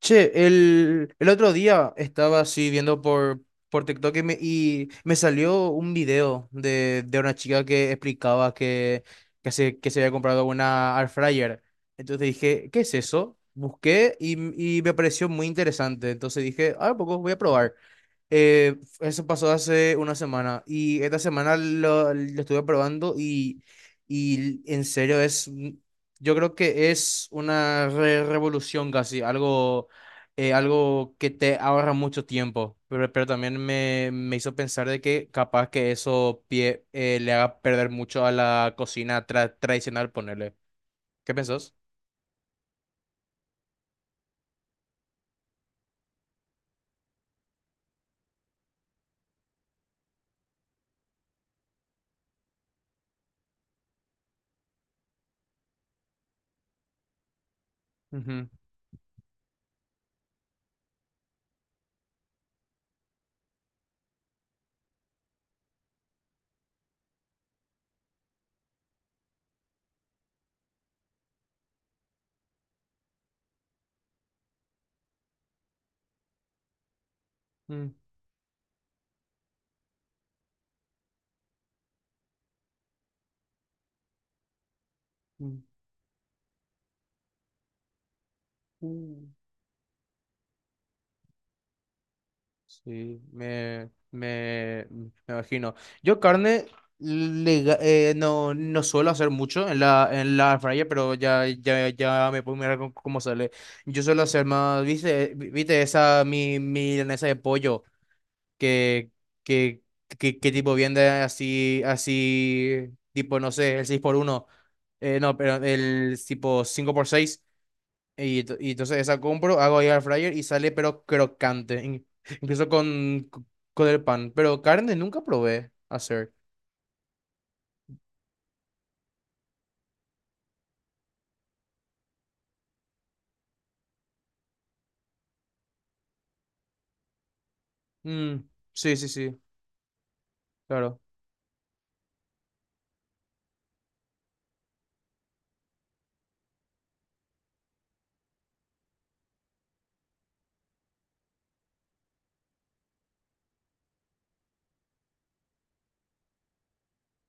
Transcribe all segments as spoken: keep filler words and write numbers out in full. Che, el, el otro día estaba así viendo por, por TikTok y me, y me salió un video de, de una chica que explicaba que, que, se, que se había comprado una air fryer. Entonces dije, ¿qué es eso? Busqué y, m- y me pareció muy interesante. Entonces dije, ah, poco voy a probar. Eh, eso pasó hace una semana y esta semana lo, lo estuve probando y, y en serio es, yo creo que es una re- revolución casi, algo, eh, algo que te ahorra mucho tiempo, pero, pero también me, me hizo pensar de que capaz que eso pie- eh, le haga perder mucho a la cocina tra- tradicional, ponerle. ¿Qué pensás? Ujú. Mm. Mm. uh, Sí, me, me, mm, me imagino. Yo carne le ga- eh, no, no suelo hacer mucho en la, en la air fryer, pero ya, ya, ya me puedo mirar cómo cómo sale. Yo suelo hacer más, viste, viste esa mi milanesa de pollo que, que, que, que tipo vende así, así, tipo, no sé, el seis por uno, eh, no, pero el tipo cinco por seis, y, to- y entonces esa compro, hago ahí al fryer y sale pero crocante, in- incluso con, con el pan, pero carne nunca probé hacer. Mm. Sí, sí, sí, claro.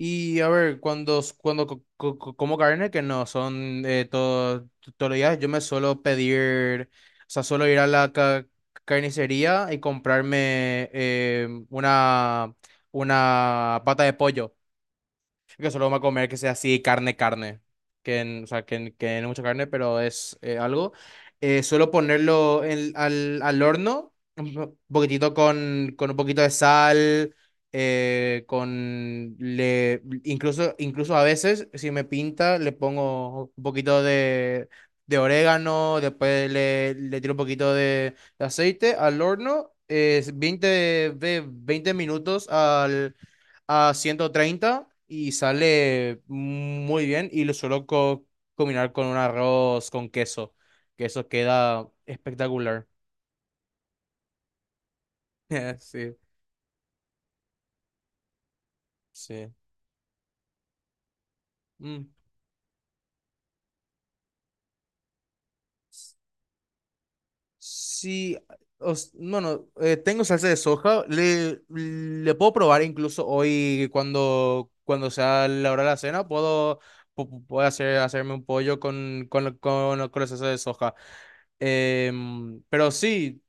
Y a ver, cuando, s- cuando co- co- co- como carne, que no son, eh, todo- todos los días, yo me suelo pedir, o sea, suelo ir a la ca- carnicería y comprarme, eh, una, una pata de pollo. Que solo vamos a comer que sea así carne, carne. Que, en- o sea, que, en- que no mucha carne, pero es, eh, algo. Eh, suelo ponerlo en- al, al horno, un po- poquitito con, con un poquito de sal, eh, con le, incluso, incluso a veces, si me pinta, le pongo un poquito de, de orégano, después le, le tiro un poquito de, de aceite al horno, es veinte de veinte minutos al a ciento treinta y sale muy bien y lo suelo co- combinar con un arroz con queso, que eso queda espectacular. Sí, sí. Mm. Sí, os- bueno, eh, tengo salsa de soja, le, le puedo probar incluso hoy, cuando, cuando sea la hora de la cena, puedo, pu- puedo hacer, hacerme un pollo con, con, con, con la salsa de soja. Em, pero sí,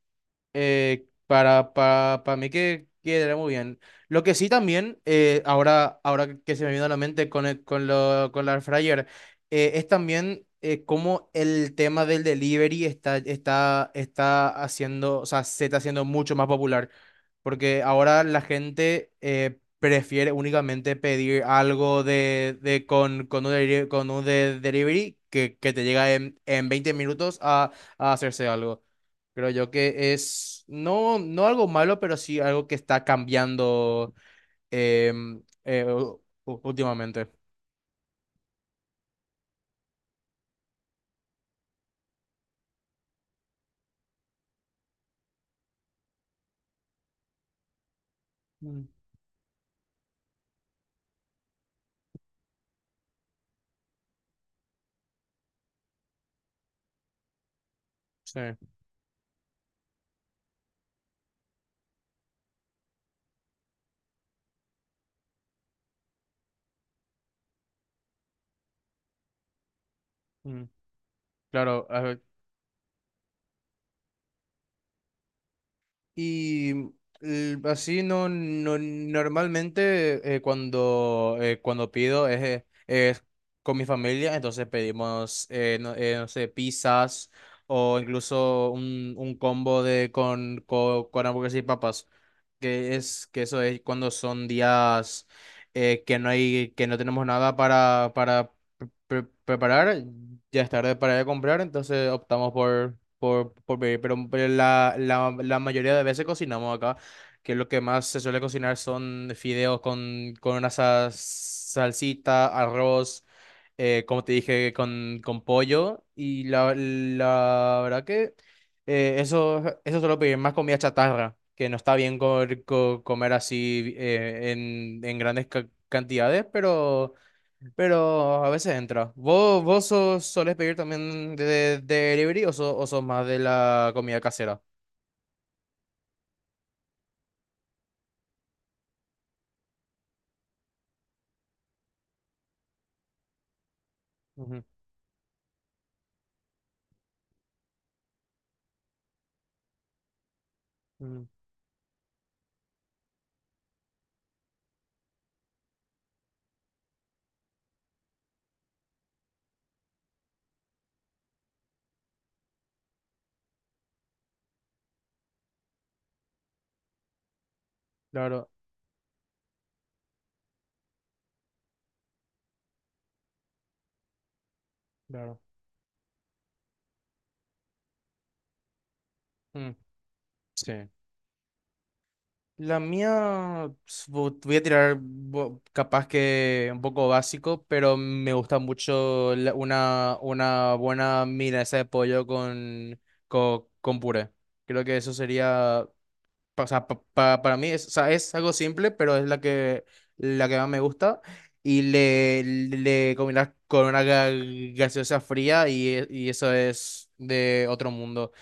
eh, para, para, para mí que quedaría muy bien. Lo que sí también, eh, ahora, ahora que se me vino a la mente con, el- con, lo, con la air fryer, eh, es también, eh, cómo el tema del delivery está, está, está haciendo, o sea, se está haciendo mucho más popular. Porque ahora la gente, eh, prefiere únicamente pedir algo de, de con, con un, deli- con un de- delivery que, que te llega en, en veinte minutos, a, a hacerse algo. Creo yo que es, no, no algo malo, pero sí algo que está cambiando, em, eh, u- u- últimamente. Mm. Sí. Mm. Claro, ah, y eh, así, no, no normalmente, eh, cuando, eh, cuando pido es, eh, es con mi familia, entonces pedimos, eh, no, eh, no sé, pizzas o incluso un, un combo de con, co- con, hamburguesas y papas, que es que eso es cuando son días, eh, que no hay, que no tenemos nada para, para pre- preparar, ya es tarde para ir a comprar, entonces optamos por, por, por pedir. Pero, pero la, la, la mayoría de veces cocinamos acá, que lo que más se suele cocinar son fideos con, con una sa- salsita, arroz, eh, como te dije, con, con pollo. Y la, la verdad que, eh, eso, eso suelo pedir, más comida chatarra, que no está bien co- co- comer así, eh, en, en grandes ca- cantidades, pero, pero a veces entra. ¿Vos, vos sos- solés pedir también de, de- de delivery, o, so- o sos más de la comida casera? Ujú. Ujú. Claro, claro. Mm. Sí. La mía, s- vo- voy a tirar, bo- capaz que un poco básico, pero me gusta mucho, la- una, una buena milanesa de pollo con, co- con puré. Creo que eso sería, pa- o sea, pa- pa- para mí es, o sea, es algo simple, pero es la que, la que más me gusta. Y le, le combinas con una ga- gaseosa fría y, e- y eso es de otro mundo.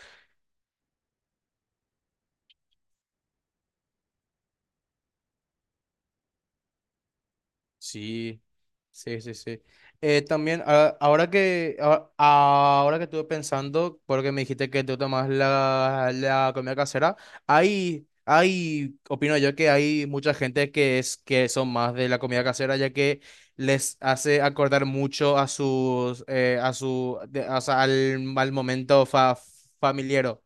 Sí, sí, sí, sí. Eh, también, ah, ahora que, ah, ah, ahora que estuve pensando, porque me dijiste que tú tomas la, la comida casera, hay, hay, opino yo que hay mucha gente que es, que son más de la comida casera, ya que les hace acordar mucho a sus, eh, a su, de- o sea, al, al momento, fa, familiar.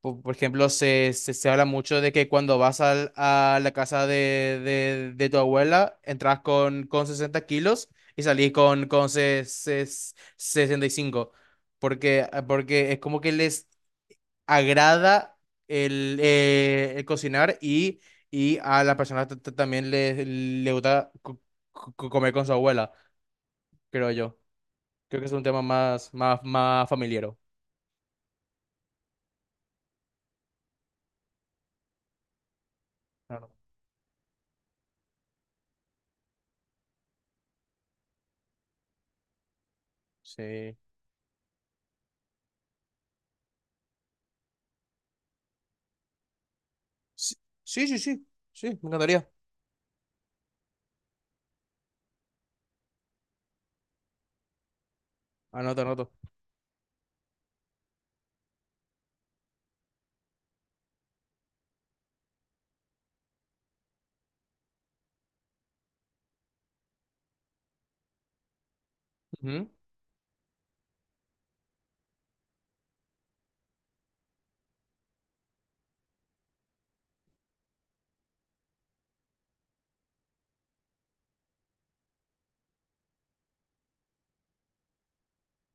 Por, por ejemplo, se, se, se habla mucho de que cuando vas al- a la casa de, de- de tu abuela, entras con, con sesenta kilos y salís con, con se- se- sesenta y cinco. Porque, ah, porque es como que les agrada el, eh, el cocinar, y, y a las personas t- t- también les, le gusta co- co- comer con su abuela, creo yo. Creo que es un tema, más, más, más familiar. Claro. Sí. Sí, sí, sí, sí, sí, me encantaría. Anoto, anoto. Ujú.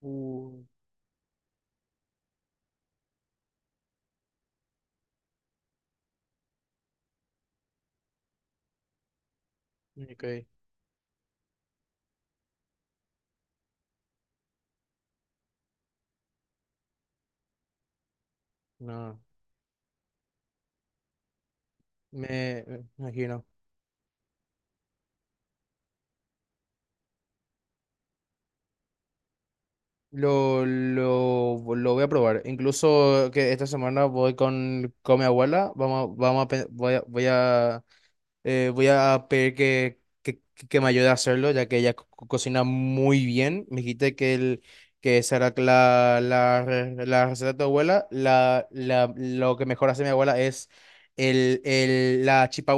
Uh. Ok. No, me me imagino. Lo, lo, lo voy a probar. Incluso que esta semana voy con, con mi abuela. Vamos, vamos a, pe- voy a, voy a, eh, voy a pedir que, que, que me ayude a hacerlo, ya que ella co- co- cocina muy bien. Me dijiste que, el, que esa era la, la, re- la receta de tu abuela. La, la, lo que mejor hace mi abuela es el, el, la chipa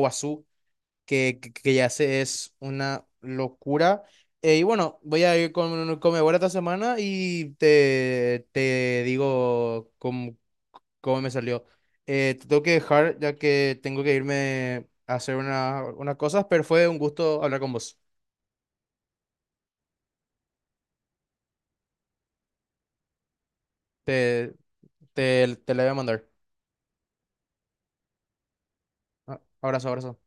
que, que, que ya se es una locura. Eh, y bueno, voy a ir con, con mi abuela esta semana y te, te digo cómo, cómo me salió. Eh, te tengo que dejar ya que tengo que irme a hacer una, unas cosas, pero fue un gusto hablar con vos. Te, te, Te la voy a mandar. Ah. Abrazo, abrazo.